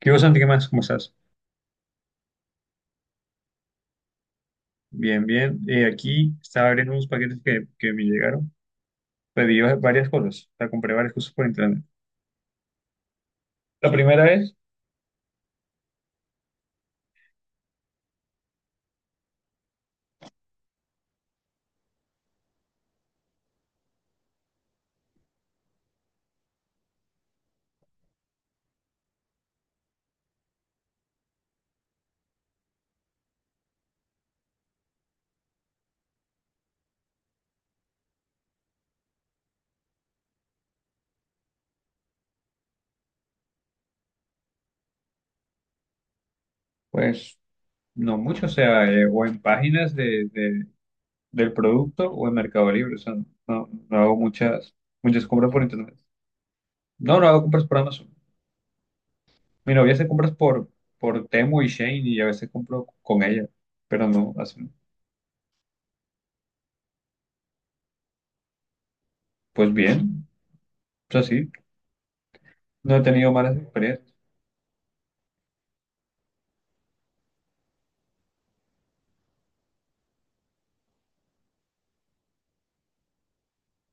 ¿Qué vos, Santi? ¿Qué más? ¿Cómo estás? Bien, bien. Aquí estaba abriendo unos paquetes que me llegaron. Pedí varias cosas. O sea, compré varias cosas por internet. La primera es, pues, no mucho. O sea, o en páginas de, del producto o en Mercado Libre. O sea, no hago muchas, muchas compras por internet. No, no hago compras por Amazon. Mi novia hace compras por Temu y Shane y a veces compro con ella. Pero no, así, pues bien. O sea, sí, no he tenido malas experiencias.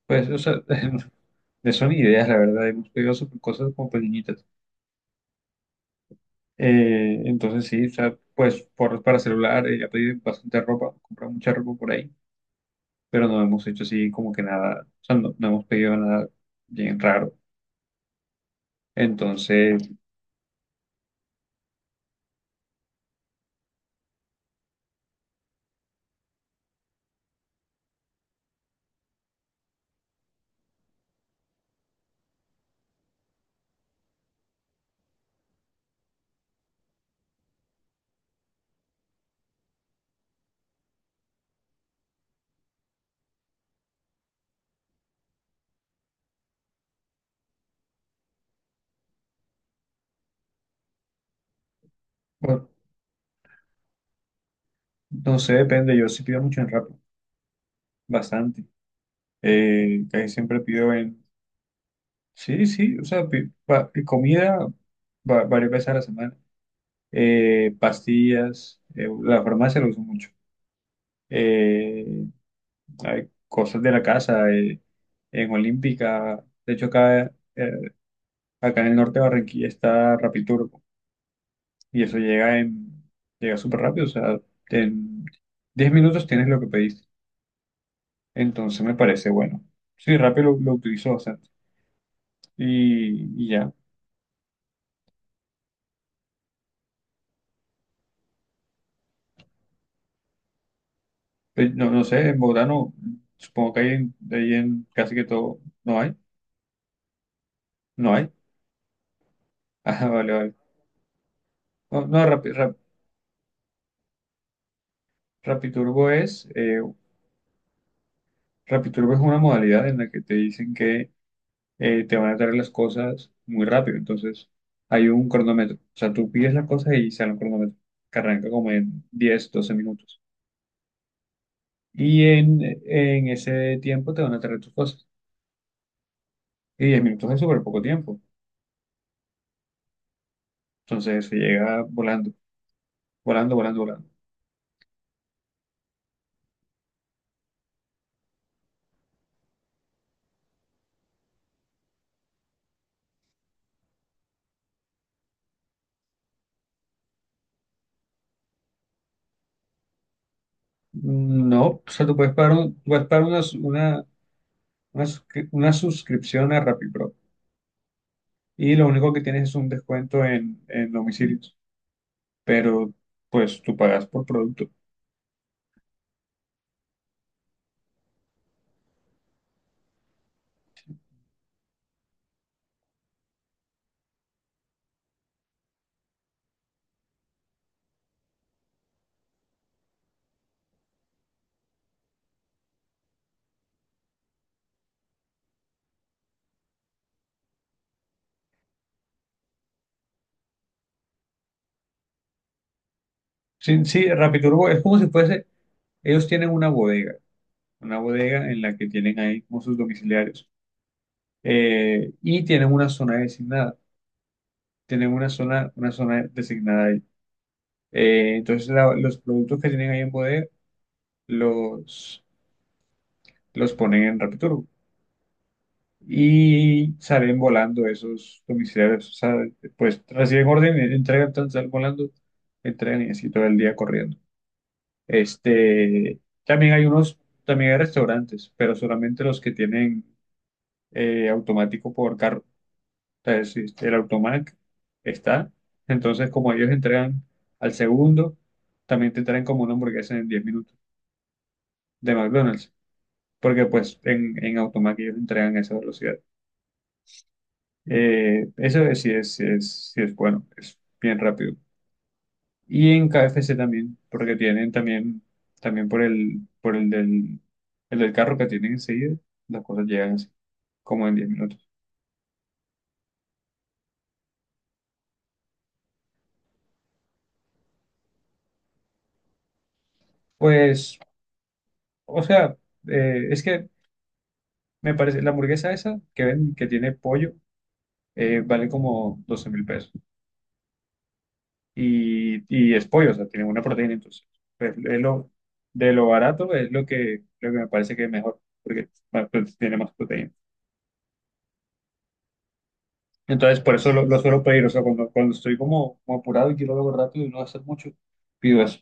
Pues, o sea, de son ideas, la verdad, hemos pedido sobre cosas como pequeñitas. Entonces sí, o sea, pues por, para celular, he pedido bastante ropa, comprado mucha ropa por ahí, pero no hemos hecho así como que nada, o sea, no hemos pedido nada bien raro. Entonces, bueno, no sé, depende, yo sí pido mucho en Rappi, bastante. Casi siempre pido en, sí, sí, o sea, comida varias veces a la semana. Pastillas, la farmacia lo uso mucho. Eh, hay cosas de la casa, en Olímpica. De hecho, acá, acá en el norte de Barranquilla está Rapid Turbo y eso llega en, llega súper rápido, o sea, en 10 minutos tienes lo que pediste. Entonces me parece bueno. Sí, rápido lo utilizo bastante y ya. Pues, no, no sé, en Bogotá no, supongo que hay en, ahí en casi que todo, no hay, no hay. Ah, vale, vale. No, no Rapid, Rapid Turbo es... eh, Rapid Turbo es una modalidad en la que te dicen que te van a traer las cosas muy rápido. Entonces, hay un cronómetro. O sea, tú pides las cosas y sale un cronómetro que arranca como en 10 o 12 minutos. Y en ese tiempo te van a traer tus cosas. Y 10 minutos es súper poco tiempo. Entonces, se llega volando, volando, volando, volando. No, o sea, tú puedes pagar, puedes pagar una, una, una suscripción a RappiPro y lo único que tienes es un descuento en domicilios, pero pues tú pagas por producto. Sí, sí, Rappi Turbo es como si fuese, ellos tienen una bodega en la que tienen ahí como sus domiciliarios y tienen una zona designada, tienen una zona designada ahí. Entonces los productos que tienen ahí en bodega los, los ponen en Rappi Turbo y salen volando esos domiciliarios, o sea, pues reciben orden, entregan, salen volando, entregan y así todo el día corriendo. Este, también hay unos, también hay restaurantes, pero solamente los que tienen automático por carro. O sea, el automac está. Entonces, como ellos entregan al segundo, también te traen como una hamburguesa en 10 minutos de McDonald's, porque pues en automac ellos entregan a esa velocidad. Sí es, sí es, sí es bueno, es bien rápido. Y en KFC también, porque tienen también, también por el del carro que tienen enseguida, las cosas llegan así, como en 10 minutos. Pues, o sea, es que me parece, la hamburguesa esa que ven, que tiene pollo, vale como 12.000 pesos. Y, y es pollo, o sea, tiene una proteína, entonces, pues, es lo, de lo barato es lo que me parece que es mejor, porque bueno, pues, tiene más proteína. Entonces, por eso lo suelo pedir. O sea, cuando, cuando estoy como, como apurado y quiero algo rápido y no hacer mucho, pido eso.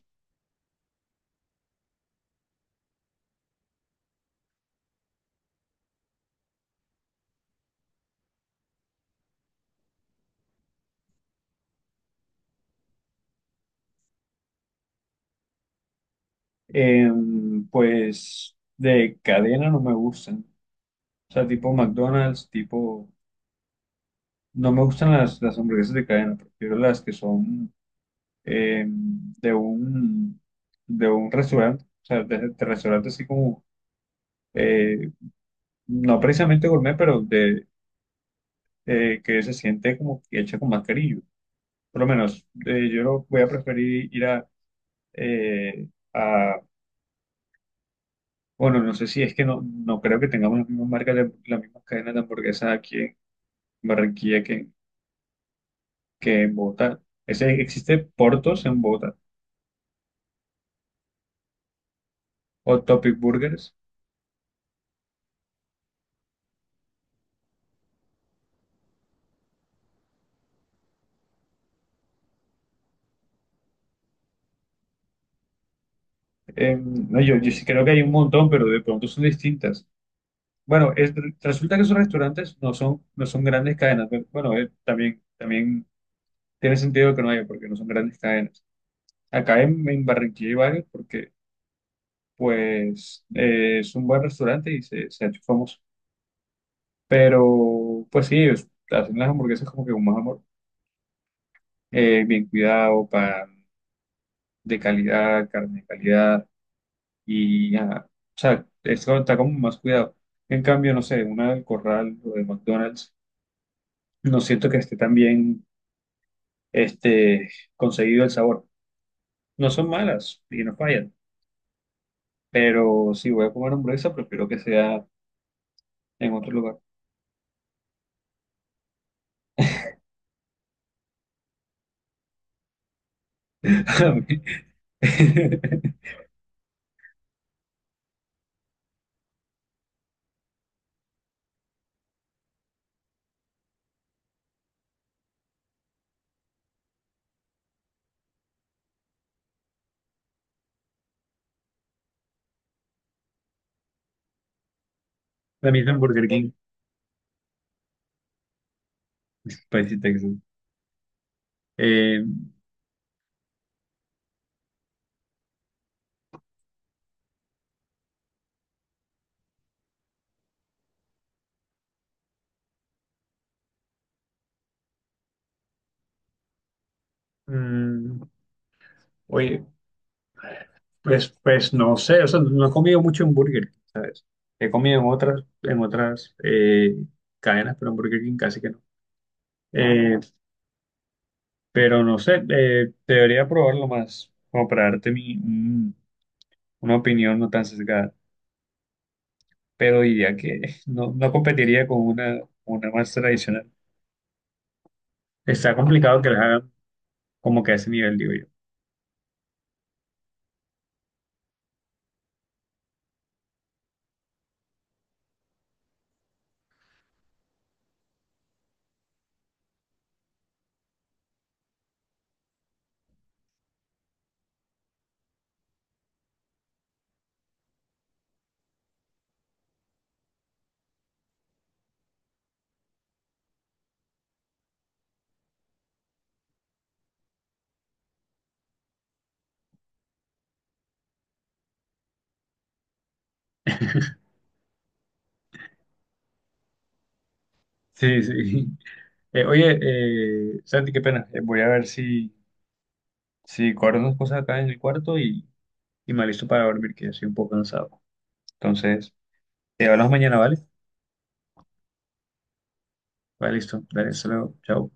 Pues de cadena no me gustan. O sea, tipo McDonald's, tipo... No me gustan las hamburguesas de cadena. Prefiero las que son em, de un, de un restaurante. O sea, de restaurante así como... eh, no precisamente gourmet, pero de que se siente como que hecha con más cariño. Por lo menos, yo lo voy a preferir ir eh, a, bueno, no sé si es que no, no creo que tengamos las mismas marcas, las mismas cadenas de hamburguesas aquí en Barranquilla que en Bogotá. Ese, existe Portos en Bogotá o Topic Burgers. No, yo, yo sí creo que hay un montón, pero de pronto son distintas. Bueno, resulta que esos restaurantes no son, no son grandes cadenas, pero bueno, también, también tiene sentido que no haya, porque no son grandes cadenas. Acá en Barranquilla hay varios porque, pues, es un buen restaurante y se ha hecho famoso. Pero, pues sí, hacen las hamburguesas como que con más amor, bien cuidado, pan de calidad, carne de calidad, y ajá, o sea, esto está como más cuidado. En cambio, no sé, una del Corral o de McDonald's, no siento que esté tan bien este, conseguido el sabor. No son malas y no fallan, pero si voy a comer hamburguesa, prefiero que sea en otro lugar. A mí- La misma en Burger King, spicy Texas. Eh, mm, Oye, pues, pues no sé, o sea, no no he comido mucho en Burger King. He comido en otras cadenas, pero en Burger King casi que no. Eh, pero no sé, debería probarlo más, como para darte mi, una opinión no tan sesgada. Pero diría que no, no competiría con una más tradicional. Está complicado que las hagan como que a ese nivel, digo yo. Sí, sí. Oye, Santi, qué pena. Voy a ver si, si guardo unas cosas acá en el cuarto y me listo para dormir, que ya estoy un poco cansado. Entonces, te hablamos mañana, ¿vale? Vale, listo. Dale, hasta luego. Chao.